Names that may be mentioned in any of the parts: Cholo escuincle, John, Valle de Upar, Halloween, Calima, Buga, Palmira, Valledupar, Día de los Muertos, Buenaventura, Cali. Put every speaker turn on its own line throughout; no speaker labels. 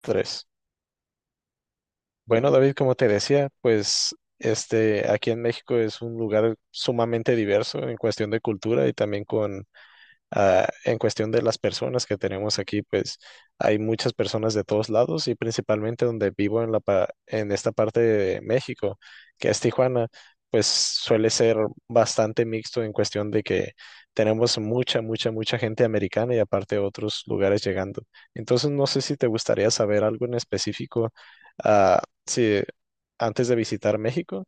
Tres. Bueno, David, como te decía, pues este aquí en México es un lugar sumamente diverso en cuestión de cultura y también con en cuestión de las personas que tenemos aquí, pues hay muchas personas de todos lados y principalmente donde vivo en en esta parte de México, que es Tijuana, pues suele ser bastante mixto en cuestión de que tenemos mucha, mucha, mucha gente americana y aparte otros lugares llegando. Entonces, no sé si te gustaría saber algo en específico, si antes de visitar México.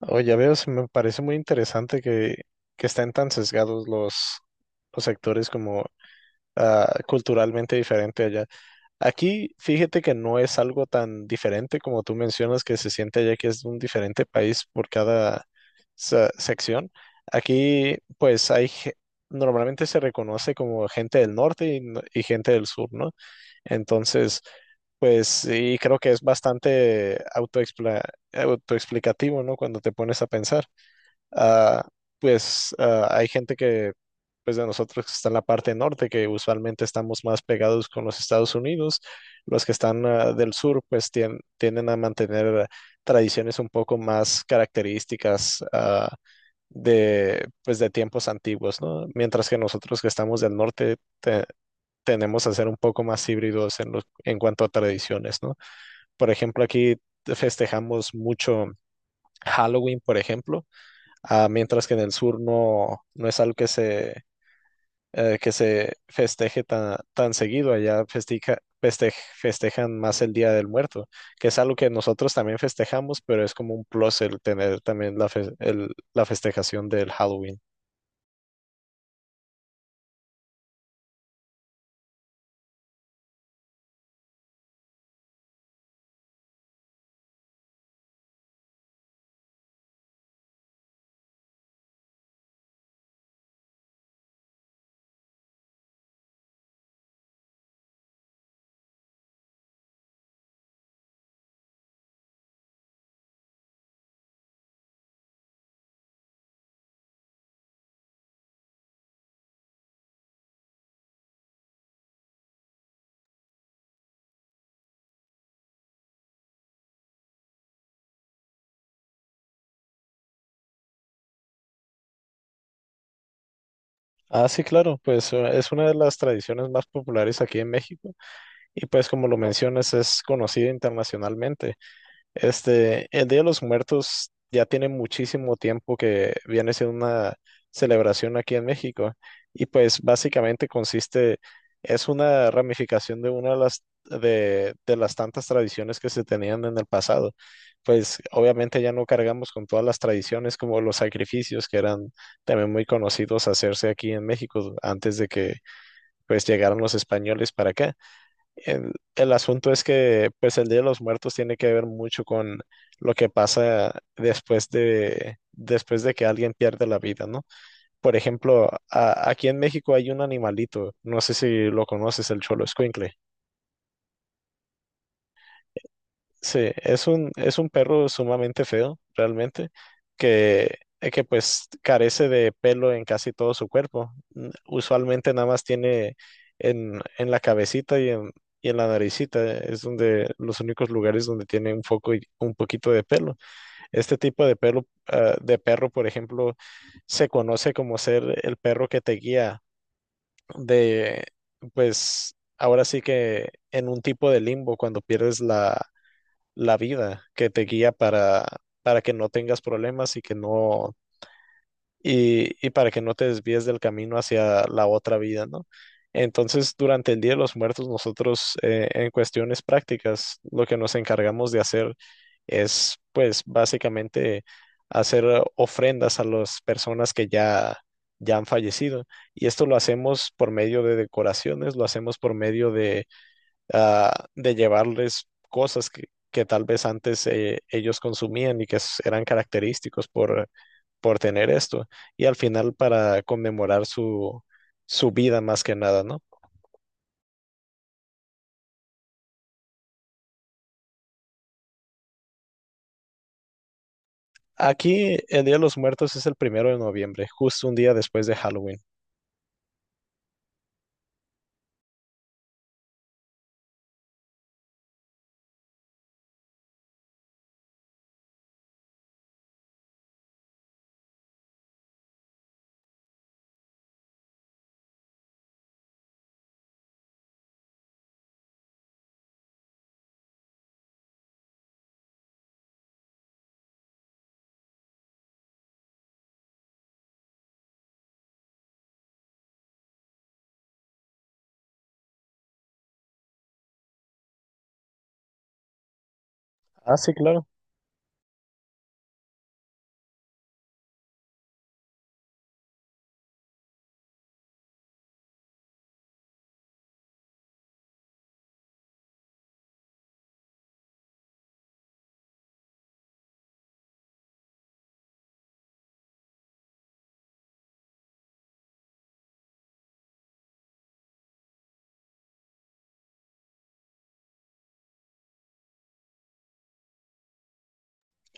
Oh, ya veo, se me parece muy interesante que estén tan sesgados los sectores como culturalmente diferente allá. Aquí, fíjate que no es algo tan diferente como tú mencionas que se siente allá que es un diferente país por cada sección. Aquí, pues hay, normalmente se reconoce como gente del norte y gente del sur, ¿no? Entonces, pues sí, creo que es bastante autoexplicativo, ¿no? Cuando te pones a pensar. Ah, hay gente que, pues de nosotros que está en la parte norte, que usualmente estamos más pegados con los Estados Unidos, los que están del sur, pues tienden a mantener tradiciones un poco más características de, pues de tiempos antiguos, ¿no? Mientras que nosotros que estamos del norte tenemos a ser un poco más híbridos en cuanto a tradiciones, ¿no? Por ejemplo, aquí festejamos mucho Halloween, por ejemplo. Mientras que en el sur no, no es algo que se festeje tan, tan seguido. Allá festejan más el Día del Muerto, que es algo que nosotros también festejamos, pero es como un plus el tener también la festejación del Halloween. Ah, sí, claro, pues es una de las tradiciones más populares aquí en México y pues como lo mencionas es conocida internacionalmente. Este, el Día de los Muertos ya tiene muchísimo tiempo que viene siendo una celebración aquí en México y pues básicamente consiste, es una ramificación de una de de las tantas tradiciones que se tenían en el pasado. Pues obviamente ya no cargamos con todas las tradiciones como los sacrificios que eran también muy conocidos hacerse aquí en México antes de que pues llegaran los españoles para acá. El, el asunto es que pues el Día de los Muertos tiene que ver mucho con lo que pasa después después de que alguien pierde la vida, ¿no? Por ejemplo, aquí en México hay un animalito, no sé si lo conoces, el Cholo escuincle. Sí, es un perro sumamente feo, realmente, que pues carece de pelo en casi todo su cuerpo. Usualmente nada más tiene en la cabecita y en la naricita, es donde los únicos lugares donde tiene un foco y un poquito de pelo. Este tipo de pelo, de perro, por ejemplo, se conoce como ser el perro que te guía de, pues, ahora sí que en un tipo de limbo cuando pierdes la la vida que te guía para que no tengas problemas y que no, y para que no te desvíes del camino hacia la otra vida, ¿no? Entonces, durante el Día de los Muertos, nosotros en cuestiones prácticas, lo que nos encargamos de hacer es, pues, básicamente hacer ofrendas a las personas que ya, ya han fallecido. Y esto lo hacemos por medio de decoraciones, lo hacemos por medio de de llevarles cosas que tal vez antes ellos consumían y que eran característicos por tener esto, y al final para conmemorar su, su vida más que nada, ¿no? Aquí el Día de los Muertos es el primero de noviembre, justo un día después de Halloween. Ah, sí, claro.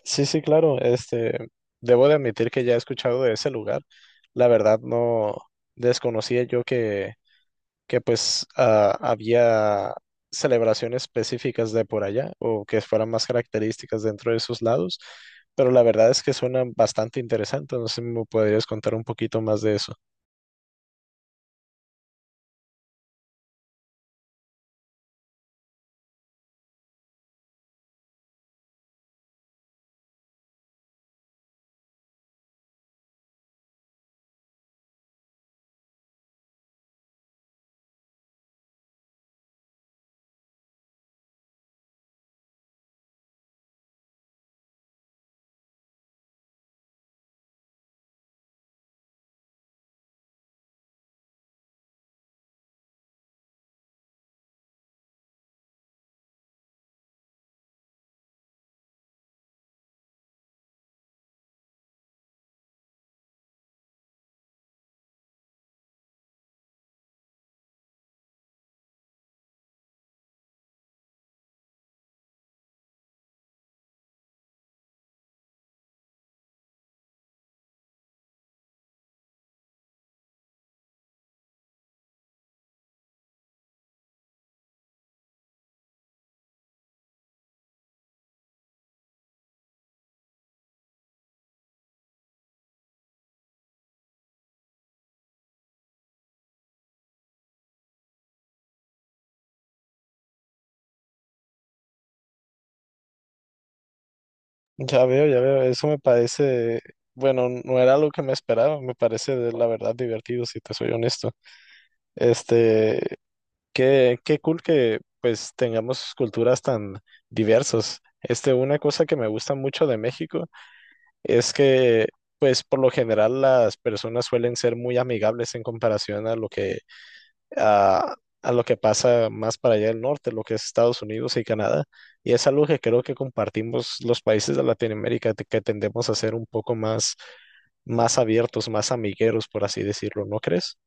Sí, sí, claro. Este, debo de admitir que ya he escuchado de ese lugar. La verdad no desconocía yo que pues ah, había celebraciones específicas de por allá o que fueran más características dentro de esos lados, pero la verdad es que suena bastante interesante, no sé si me podrías contar un poquito más de eso. Ya veo, eso me parece, bueno, no era lo que me esperaba, me parece de la verdad divertido, si te soy honesto. Este, qué, qué cool que pues tengamos culturas tan diversas. Este, una cosa que me gusta mucho de México es que, pues, por lo general las personas suelen ser muy amigables en comparación a, a lo que pasa más para allá del norte, lo que es Estados Unidos y Canadá. Y es algo que creo que compartimos los países de Latinoamérica, que tendemos a ser un poco más, más abiertos, más amigueros, por así decirlo, ¿no crees?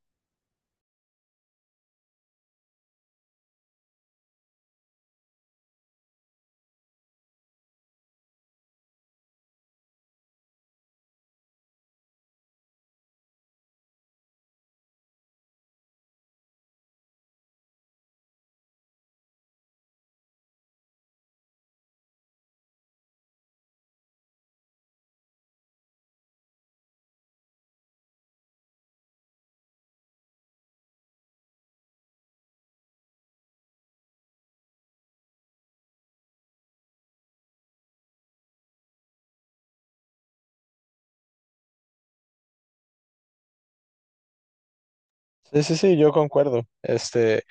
Sí, sí, sí, yo concuerdo. Este,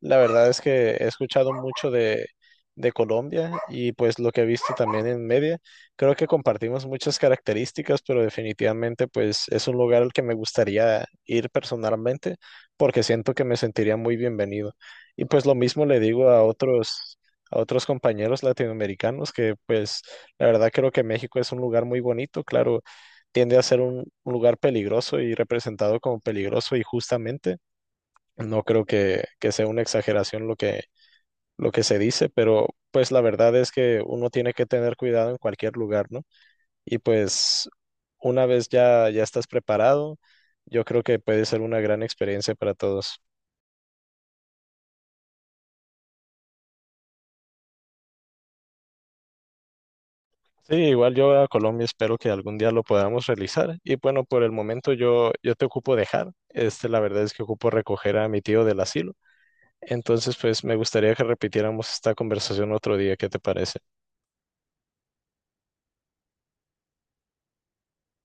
la verdad es que he escuchado mucho de Colombia y pues lo que he visto también en media. Creo que compartimos muchas características, pero definitivamente pues es un lugar al que me gustaría ir personalmente porque siento que me sentiría muy bienvenido. Y pues lo mismo le digo a otros compañeros latinoamericanos que pues la verdad creo que México es un lugar muy bonito. Claro, tiende a ser un lugar peligroso y representado como peligroso y justamente. No creo que sea una exageración lo que se dice, pero pues la verdad es que uno tiene que tener cuidado en cualquier lugar, ¿no? Y pues una vez ya, ya estás preparado, yo creo que puede ser una gran experiencia para todos. Sí, igual yo a Colombia espero que algún día lo podamos realizar. Y bueno, por el momento yo, yo te ocupo dejar. Este, la verdad es que ocupo recoger a mi tío del asilo. Entonces, pues me gustaría que repitiéramos esta conversación otro día. ¿Qué te parece?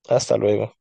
Hasta luego.